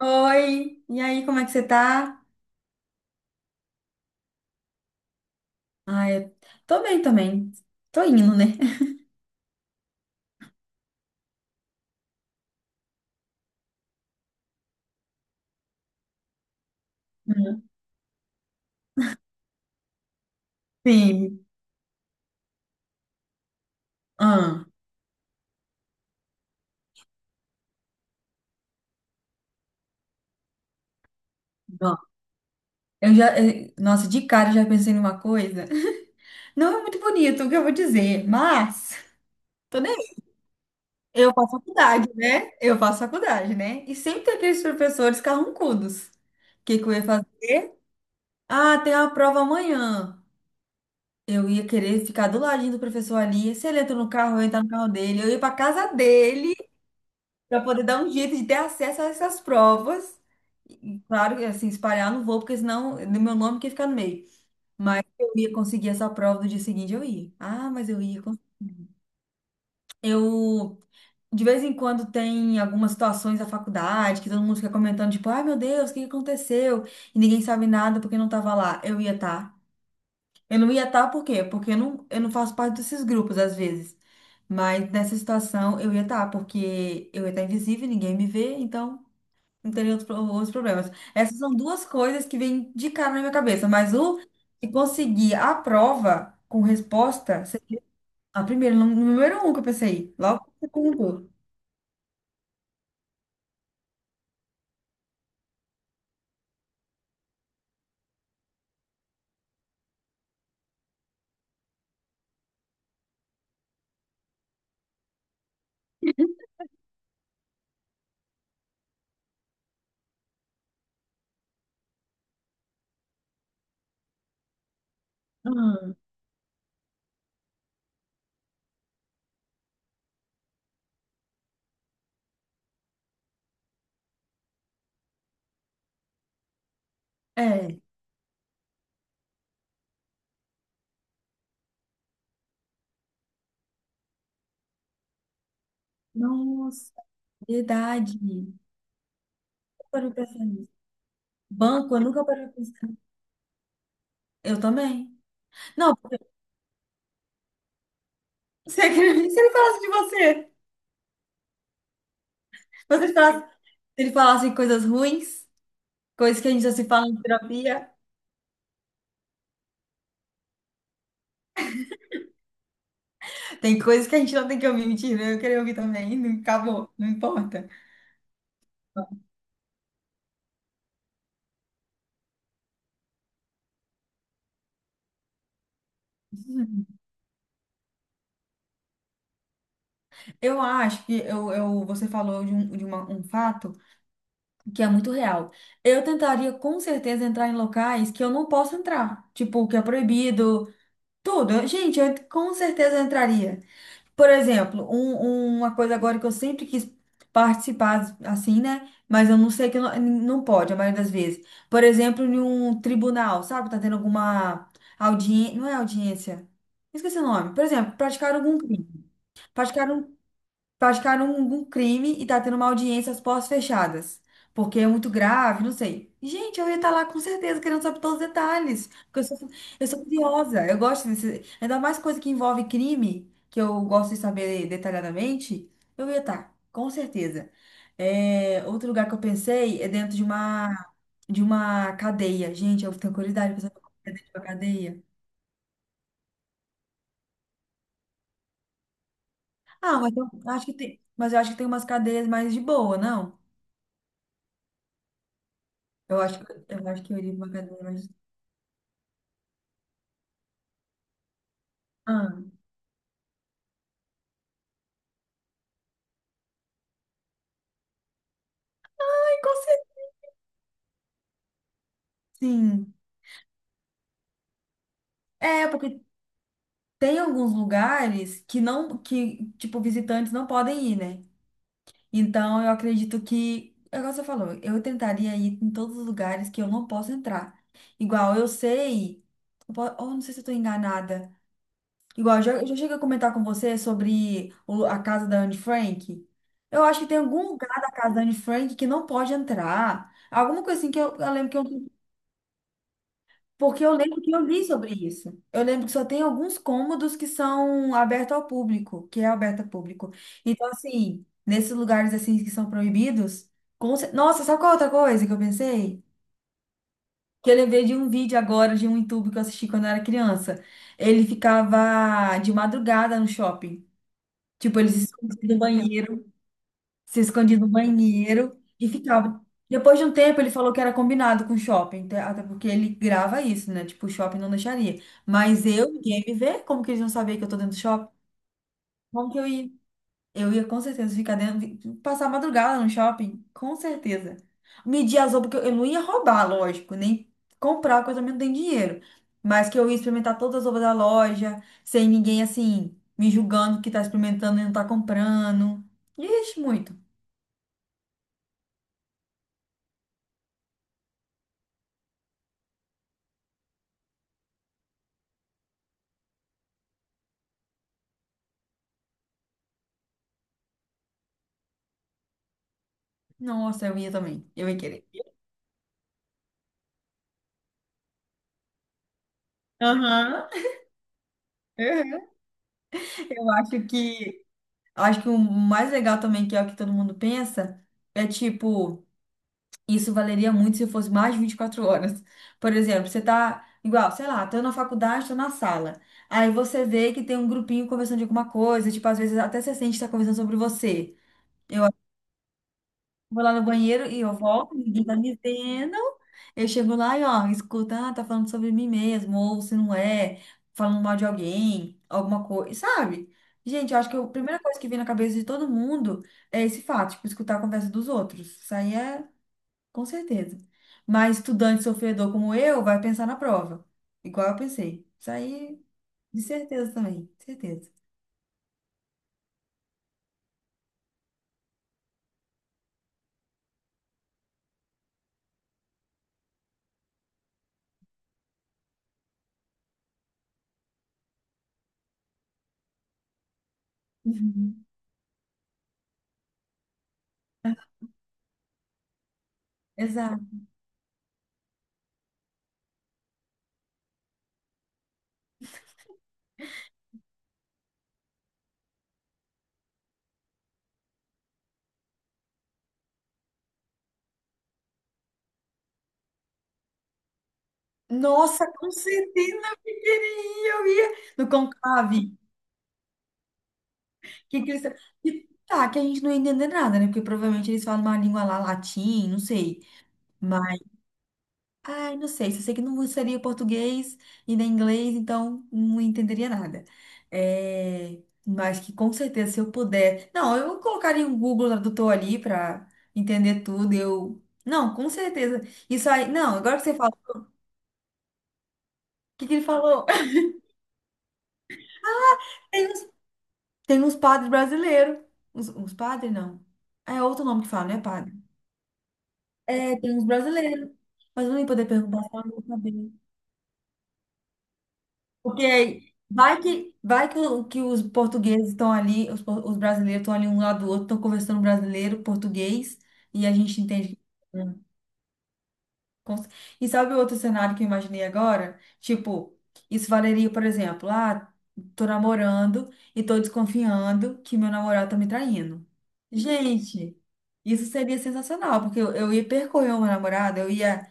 Oi, e aí, como é que você tá? Ah, eu tô bem também. Tô indo, né? Uhum. Sim. Ah, bom. Nossa, de cara eu já pensei numa coisa. Não é muito bonito o que eu vou dizer, mas tô nem aí. Eu faço faculdade, né? E sempre tem aqueles professores carrancudos. O que que eu ia fazer? Ah, tem uma prova amanhã. Eu ia querer ficar do ladinho do professor ali. Se ele entra no carro, eu ia entrar no carro dele. Eu ia pra casa dele, para poder dar um jeito de ter acesso a essas provas. E, claro, que, assim, espalhar eu não vou, porque senão no meu nome que fica no meio. Mas eu ia conseguir essa prova no dia seguinte, eu ia. Ah, mas eu ia conseguir. Eu, de vez em quando, tem algumas situações da faculdade que todo mundo fica comentando, tipo, ai meu Deus, o que que aconteceu? E ninguém sabe nada porque não tava lá. Eu ia estar. Eu não ia estar por quê? Porque eu não faço parte desses grupos, às vezes. Mas nessa situação, eu ia estar, porque eu ia estar invisível, ninguém me vê, então não teria outros, outros problemas. Essas são duas coisas que vêm de cara na minha cabeça, mas o de conseguir a prova com resposta seria a primeira, número um que eu pensei, logo o segundo. Ah, é, nossa, é verdade. Nunca parei pra pensar nisso. Banco, eu nunca parei pra pensar. Eu também. Não, porque se ele se ele falasse de você, você falasse, se ele falasse coisas ruins, coisas que a gente já se fala em terapia, tem coisas que a gente não tem que ouvir, mentira, eu queria ouvir também, não acabou, não importa. Eu acho que você falou de, um, de uma- um fato que é muito real. Eu tentaria com certeza entrar em locais que eu não posso entrar, tipo, que é proibido, tudo. Gente, eu com certeza entraria. Por exemplo, uma coisa agora que eu sempre quis participar, assim, né? Mas eu não sei que não, não pode, a maioria das vezes. Por exemplo, em um tribunal, sabe? Tá tendo alguma audiência, não é audiência? Esqueci o nome. Por exemplo, praticaram algum crime. Praticaram praticaram um crime e tá tendo uma audiência às portas fechadas. Porque é muito grave, não sei. Gente, eu ia estar lá com certeza querendo saber todos os detalhes. Porque eu sou curiosa, eu gosto desse. Ainda mais coisa que envolve crime, que eu gosto de saber detalhadamente, eu ia estar, com certeza. É, outro lugar que eu pensei é dentro de uma cadeia. Gente, eu tenho curiosidade pra saber como é dentro de uma cadeia. Ah, mas eu acho que tem, mas eu acho que tem umas cadeias mais de boa, não? Eu acho que eu iria pra uma academia mais. Ah, com certeza. Sim. É, porque tem alguns lugares que não, que, tipo, visitantes não podem ir, né? Então eu acredito que, é igual você falou, eu tentaria ir em todos os lugares que eu não posso entrar. Igual eu sei, ou não sei se eu tô enganada. Igual, eu já cheguei a comentar com você sobre a casa da Anne Frank. Eu acho que tem algum lugar da casa da Anne Frank que não pode entrar. Alguma coisa assim que eu lembro que eu. Porque eu lembro que eu li sobre isso. Eu lembro que só tem alguns cômodos que são abertos ao público, que é aberto ao público. Então, assim, nesses lugares assim que são proibidos, nossa, sabe qual é outra coisa que eu pensei? Que eu lembrei de um vídeo agora de um YouTube que eu assisti quando eu era criança. Ele ficava de madrugada no shopping. Tipo, eles escondiam no banheiro, se escondia no banheiro e ficava. Depois de um tempo, ele falou que era combinado com o shopping, até porque ele grava isso, né? Tipo, o shopping não deixaria. Mas eu, ninguém ia me ver, como que eles não saber que eu tô dentro do shopping? Como que eu ia? Eu ia com certeza ficar dentro, passar a madrugada no shopping, com certeza. Medir as roupas, porque eu não ia roubar, lógico, nem comprar, porque eu também não tenho dinheiro. Mas que eu ia experimentar todas as roupas da loja, sem ninguém assim, me julgando que tá experimentando e não tá comprando. Ixi, muito. Nossa, eu ia também. Eu ia querer. Aham. Eu acho que, o mais legal também, que é o que todo mundo pensa, é tipo, isso valeria muito se fosse mais de 24 horas. Por exemplo, você tá igual, sei lá, tô na faculdade, tô na sala. Aí você vê que tem um grupinho conversando de alguma coisa, tipo, às vezes até você sente que tá conversando sobre você. Vou lá no banheiro e eu volto, ninguém tá me vendo. Eu chego lá e, ó, escuta, ah, tá falando sobre mim mesmo, ou se não é, falando mal de alguém, alguma coisa, sabe? Gente, eu acho que a primeira coisa que vem na cabeça de todo mundo é esse fato, tipo, escutar a conversa dos outros. Isso aí é, com certeza. Mas estudante sofredor como eu vai pensar na prova, igual eu pensei. Isso aí, de certeza também, certeza. Uhum. Exato. Nossa, com certeza, eu queria, eu ia no conclave. Que cristão. E tá, que a gente não ia entender nada, né? Porque provavelmente eles falam uma língua lá, latim, não sei. Mas, ai, não sei. Só sei que não seria português e nem inglês, então não entenderia nada. É, mas que com certeza, se eu puder. Não, eu colocaria um Google Tradutor ali pra entender tudo. Eu. Não, com certeza. Isso aí. Não, agora que você fala, o que que ele falou? Ah, Tem uns, tem uns padres brasileiros. Uns padres, não. É outro nome que fala, não é padre. É, tem uns brasileiros, mas eu nem poder perguntar se ela não saber. Porque aí, vai que, que os portugueses estão ali, os brasileiros estão ali um lado do outro, estão conversando brasileiro, português, e a gente entende. que- é um Cons- E sabe o outro cenário que eu imaginei agora? Tipo, isso valeria, por exemplo, ah, tô namorando e tô desconfiando que meu namorado tá me traindo. Gente, isso seria sensacional, porque eu ia percorrer o meu namorado, eu ia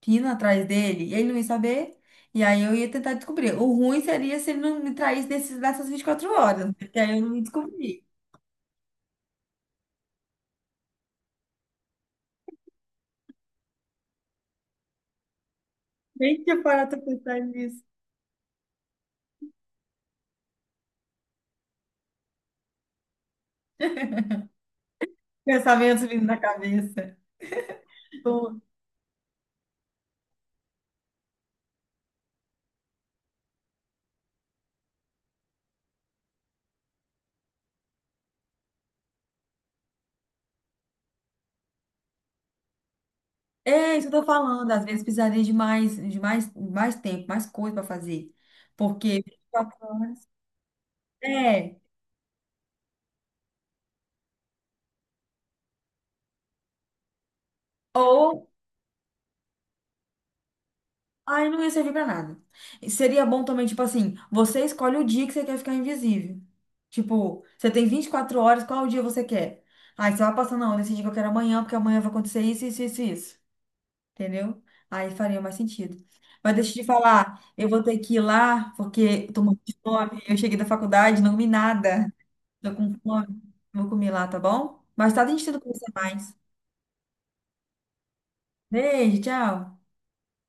pina atrás dele e ele não ia saber. E aí eu ia tentar descobrir. O ruim seria se ele não me traísse desses, dessas 24 horas, porque aí eu não descobri. Nem tinha parado pra pensar nisso. Pensamentos vindo na cabeça. Tipo, é isso que eu tô falando. Às vezes precisaria de mais tempo, mais coisa para fazer. Porque 24 horas. É. Ou, aí não ia servir pra nada. E seria bom também, tipo assim, você escolhe o dia que você quer ficar invisível. Tipo, você tem 24 horas, qual o dia você quer? Aí você vai passando, não, eu decidi que eu quero é amanhã, porque amanhã vai acontecer isso, isso, isso, isso. Entendeu? Aí faria mais sentido. Mas deixa eu te falar, eu vou ter que ir lá, porque eu tô morrendo de fome. Eu cheguei da faculdade, não comi nada. Tô com fome. Vou comer lá, tá bom? Mais tarde a gente tenta conversar mais. Beijo, tchau.